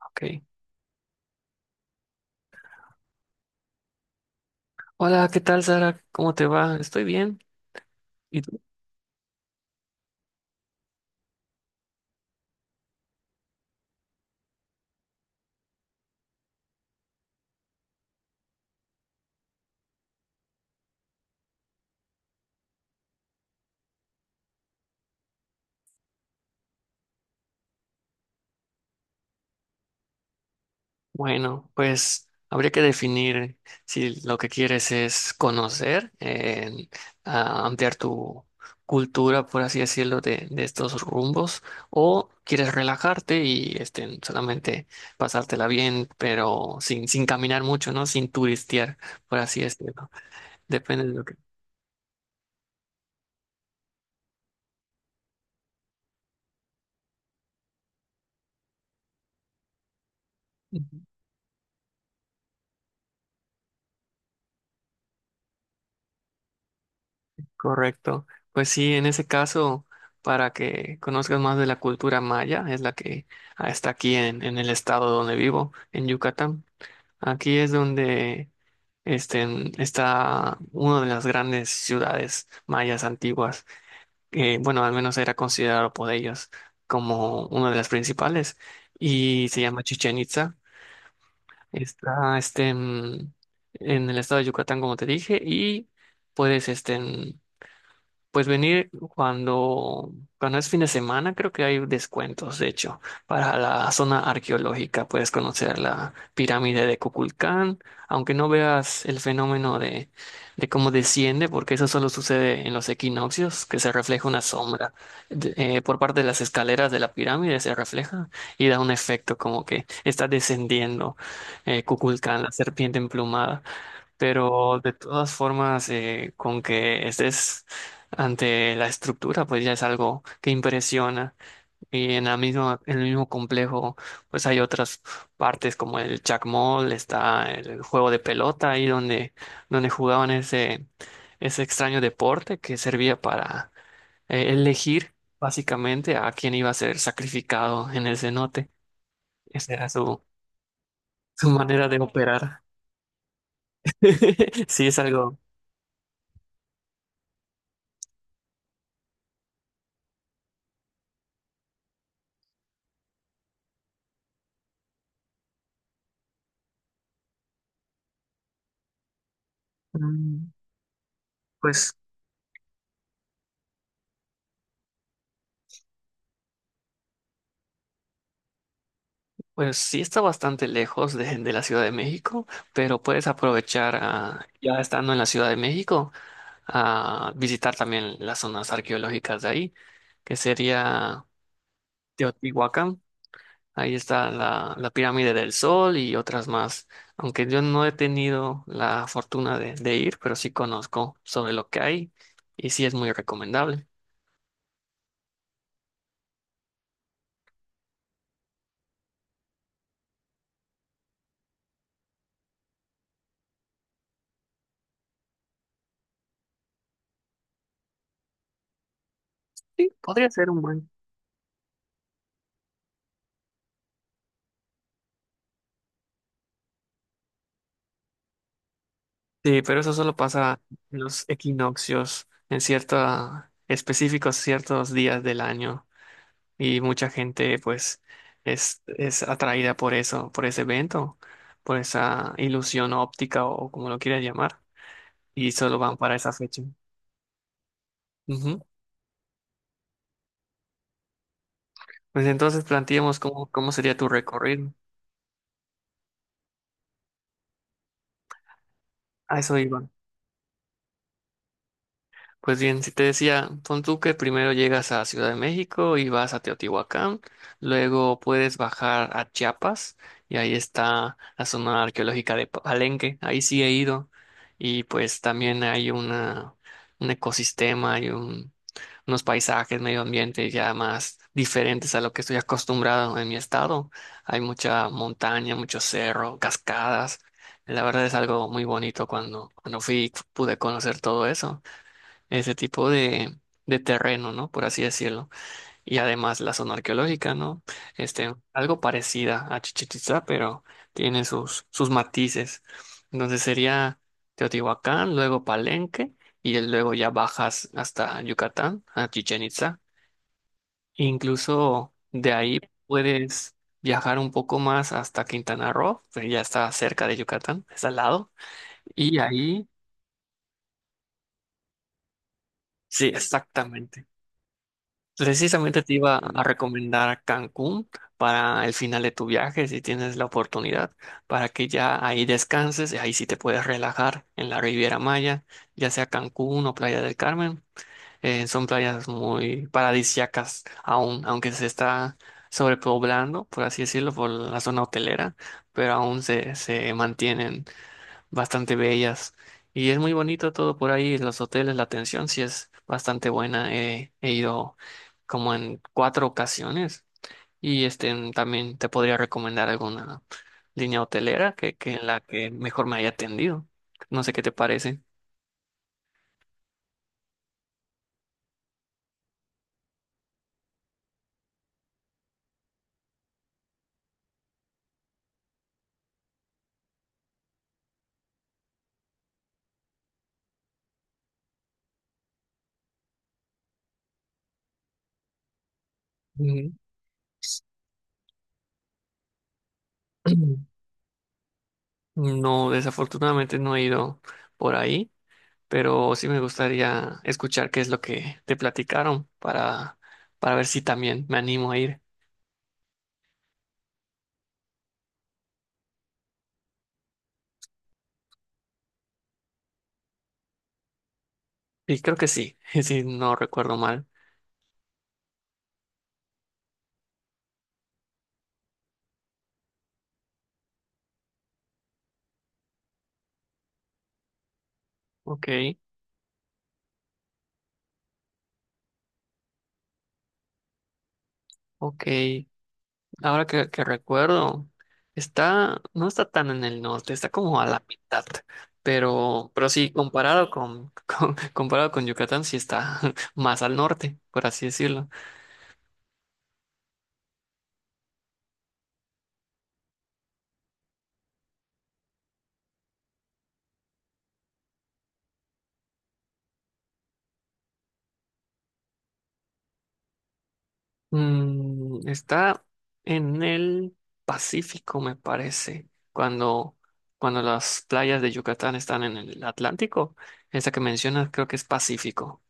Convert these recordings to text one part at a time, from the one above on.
Ok. Hola, ¿qué tal, Sara? ¿Cómo te va? Estoy bien. ¿Y tú? Bueno, pues habría que definir si lo que quieres es conocer, ampliar tu cultura, por así decirlo, de estos rumbos, o quieres relajarte y este, solamente pasártela bien, pero sin caminar mucho, ¿no? Sin turistear, por así decirlo. Depende de lo que... Correcto. Pues sí, en ese caso, para que conozcas más de la cultura maya, es la que está aquí en el estado donde vivo, en Yucatán. Aquí es donde este, está una de las grandes ciudades mayas antiguas, que bueno, al menos era considerado por ellos como una de las principales, y se llama Chichén Itzá. Está en el estado de Yucatán, como te dije, y puedes pues venir cuando es fin de semana, creo que hay descuentos, de hecho, para la zona arqueológica. Puedes conocer la pirámide de Kukulcán, aunque no veas el fenómeno de cómo desciende, porque eso solo sucede en los equinoccios, que se refleja una sombra. Por parte de las escaleras de la pirámide se refleja y da un efecto como que está descendiendo Kukulcán, la serpiente emplumada. Pero de todas formas, con que estés ante la estructura, pues ya es algo que impresiona. Y en la misma, en el mismo complejo, pues hay otras partes como el Jack Mall, está el juego de pelota ahí donde jugaban ese extraño deporte que servía para elegir básicamente a quién iba a ser sacrificado en el cenote. Esa era su manera de operar. Sí, es algo. mm, Pues. Pues sí, está bastante lejos de la Ciudad de México, pero puedes aprovechar ya estando en la Ciudad de México a visitar también las zonas arqueológicas de ahí, que sería Teotihuacán. Ahí está la Pirámide del Sol y otras más, aunque yo no he tenido la fortuna de ir, pero sí conozco sobre lo que hay y sí es muy recomendable. Sí, podría ser un buen. Sí, pero eso solo pasa en los equinoccios, en ciertos específicos ciertos días del año, y mucha gente pues es atraída por eso, por ese evento, por esa ilusión óptica o como lo quieras llamar, y solo van para esa fecha. Ujú. Pues entonces planteemos cómo sería tu recorrido. A eso iba. Pues bien, si te decía, pon tú que primero llegas a Ciudad de México y vas a Teotihuacán, luego puedes bajar a Chiapas y ahí está la zona arqueológica de Palenque, ahí sí he ido y pues también hay una, un ecosistema, hay un, unos paisajes, medio ambiente ya más diferentes a lo que estoy acostumbrado en mi estado. Hay mucha montaña, mucho cerro, cascadas. La verdad es algo muy bonito cuando fui pude conocer todo eso, ese tipo de terreno, ¿no? Por así decirlo. Y además la zona arqueológica, ¿no? Este, algo parecida a Chichén Itzá, pero tiene sus matices. Entonces sería Teotihuacán, luego Palenque, y luego ya bajas hasta Yucatán, a Chichén Itzá. Incluso de ahí puedes viajar un poco más hasta Quintana Roo, que ya está cerca de Yucatán, está al lado. Y ahí, sí, exactamente. Precisamente te iba a recomendar Cancún para el final de tu viaje, si tienes la oportunidad, para que ya ahí descanses, y ahí sí te puedes relajar en la Riviera Maya, ya sea Cancún o Playa del Carmen. Son playas muy paradisíacas aún, aunque se está sobrepoblando, por así decirlo, por la zona hotelera, pero aún se mantienen bastante bellas. Y es muy bonito todo por ahí, los hoteles, la atención sí es bastante buena. He ido como en 4 ocasiones y este, también te podría recomendar alguna línea hotelera que en la que mejor me haya atendido. No sé qué te parece. Ujú. No, desafortunadamente no he ido por ahí, pero sí me gustaría escuchar qué es lo que te platicaron para ver si también me animo a ir. Y creo que sí, si no recuerdo mal. Ok, ok. Ahora que recuerdo, está, no está tan en el norte, está como a la mitad. Pero sí, comparado comparado con Yucatán, sí está más al norte, por así decirlo. Mm, está en el Pacífico, me parece. Cuando las playas de Yucatán están en el Atlántico, esa que mencionas creo que es Pacífico.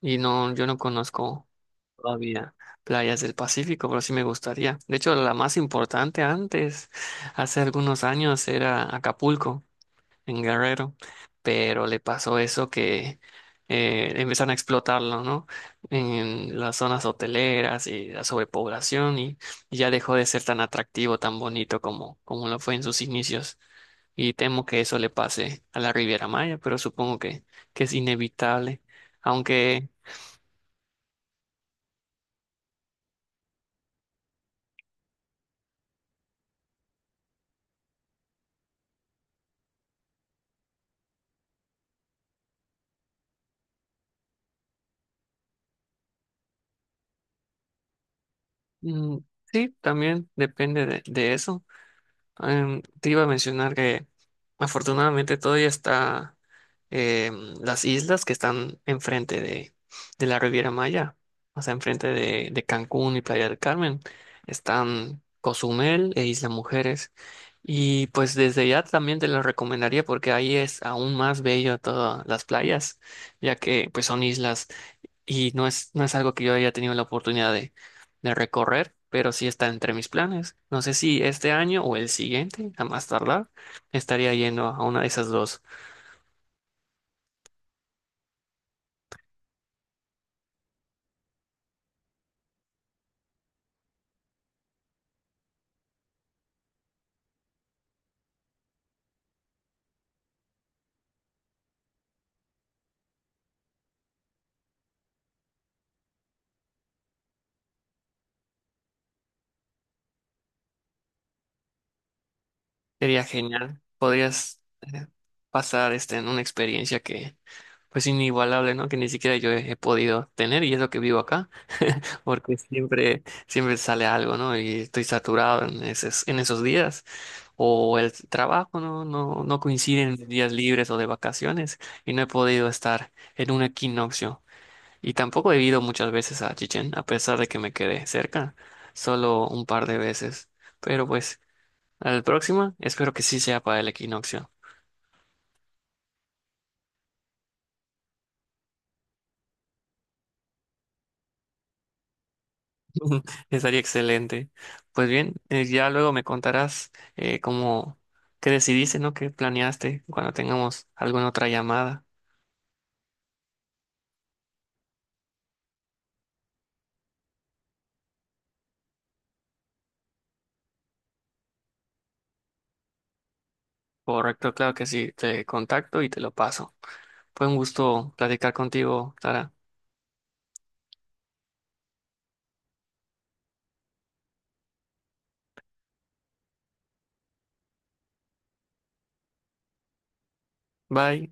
Y no, yo no conozco. Todavía playas del Pacífico, pero sí me gustaría. De hecho, la más importante antes, hace algunos años, era Acapulco, en Guerrero, pero le pasó eso que empezaron a explotarlo, ¿no? En las zonas hoteleras y la sobrepoblación y ya dejó de ser tan atractivo, tan bonito como lo fue en sus inicios. Y temo que eso le pase a la Riviera Maya, pero supongo que es inevitable. Aunque... Mm, sí, también depende de eso. Te iba a mencionar que afortunadamente todavía está las islas que están enfrente de la Riviera Maya, o sea, enfrente de Cancún y Playa del Carmen. Están Cozumel e Isla Mujeres. Y pues desde ya también te lo recomendaría porque ahí es aún más bello todas las playas, ya que pues son islas y no es, no es algo que yo haya tenido la oportunidad de recorrer, pero sí está entre mis planes. No sé si este año o el siguiente, a más tardar, estaría yendo a una de esas dos. Sería genial. Podrías eh, pasar este, en una experiencia que, pues, inigualable, ¿no? Que ni siquiera yo he podido tener y es lo que vivo acá, porque siempre, siempre sale algo, ¿no? Y estoy saturado en esos días. O el trabajo, ¿no? No coinciden mis días libres o de vacaciones y no he podido estar en un equinoccio. Y tampoco he ido muchas veces a Chichén, a pesar de que me quedé cerca, solo un par de veces. Pero pues... Al próximo, espero que sí sea para el equinoccio. Estaría excelente. Pues bien, ya luego me contarás eh, cómo, qué decidiste, ¿no? ¿Qué planeaste cuando tengamos alguna otra llamada? Correcto, claro que sí, te contacto y te lo paso. Fue un gusto platicar contigo, Sara. Bye.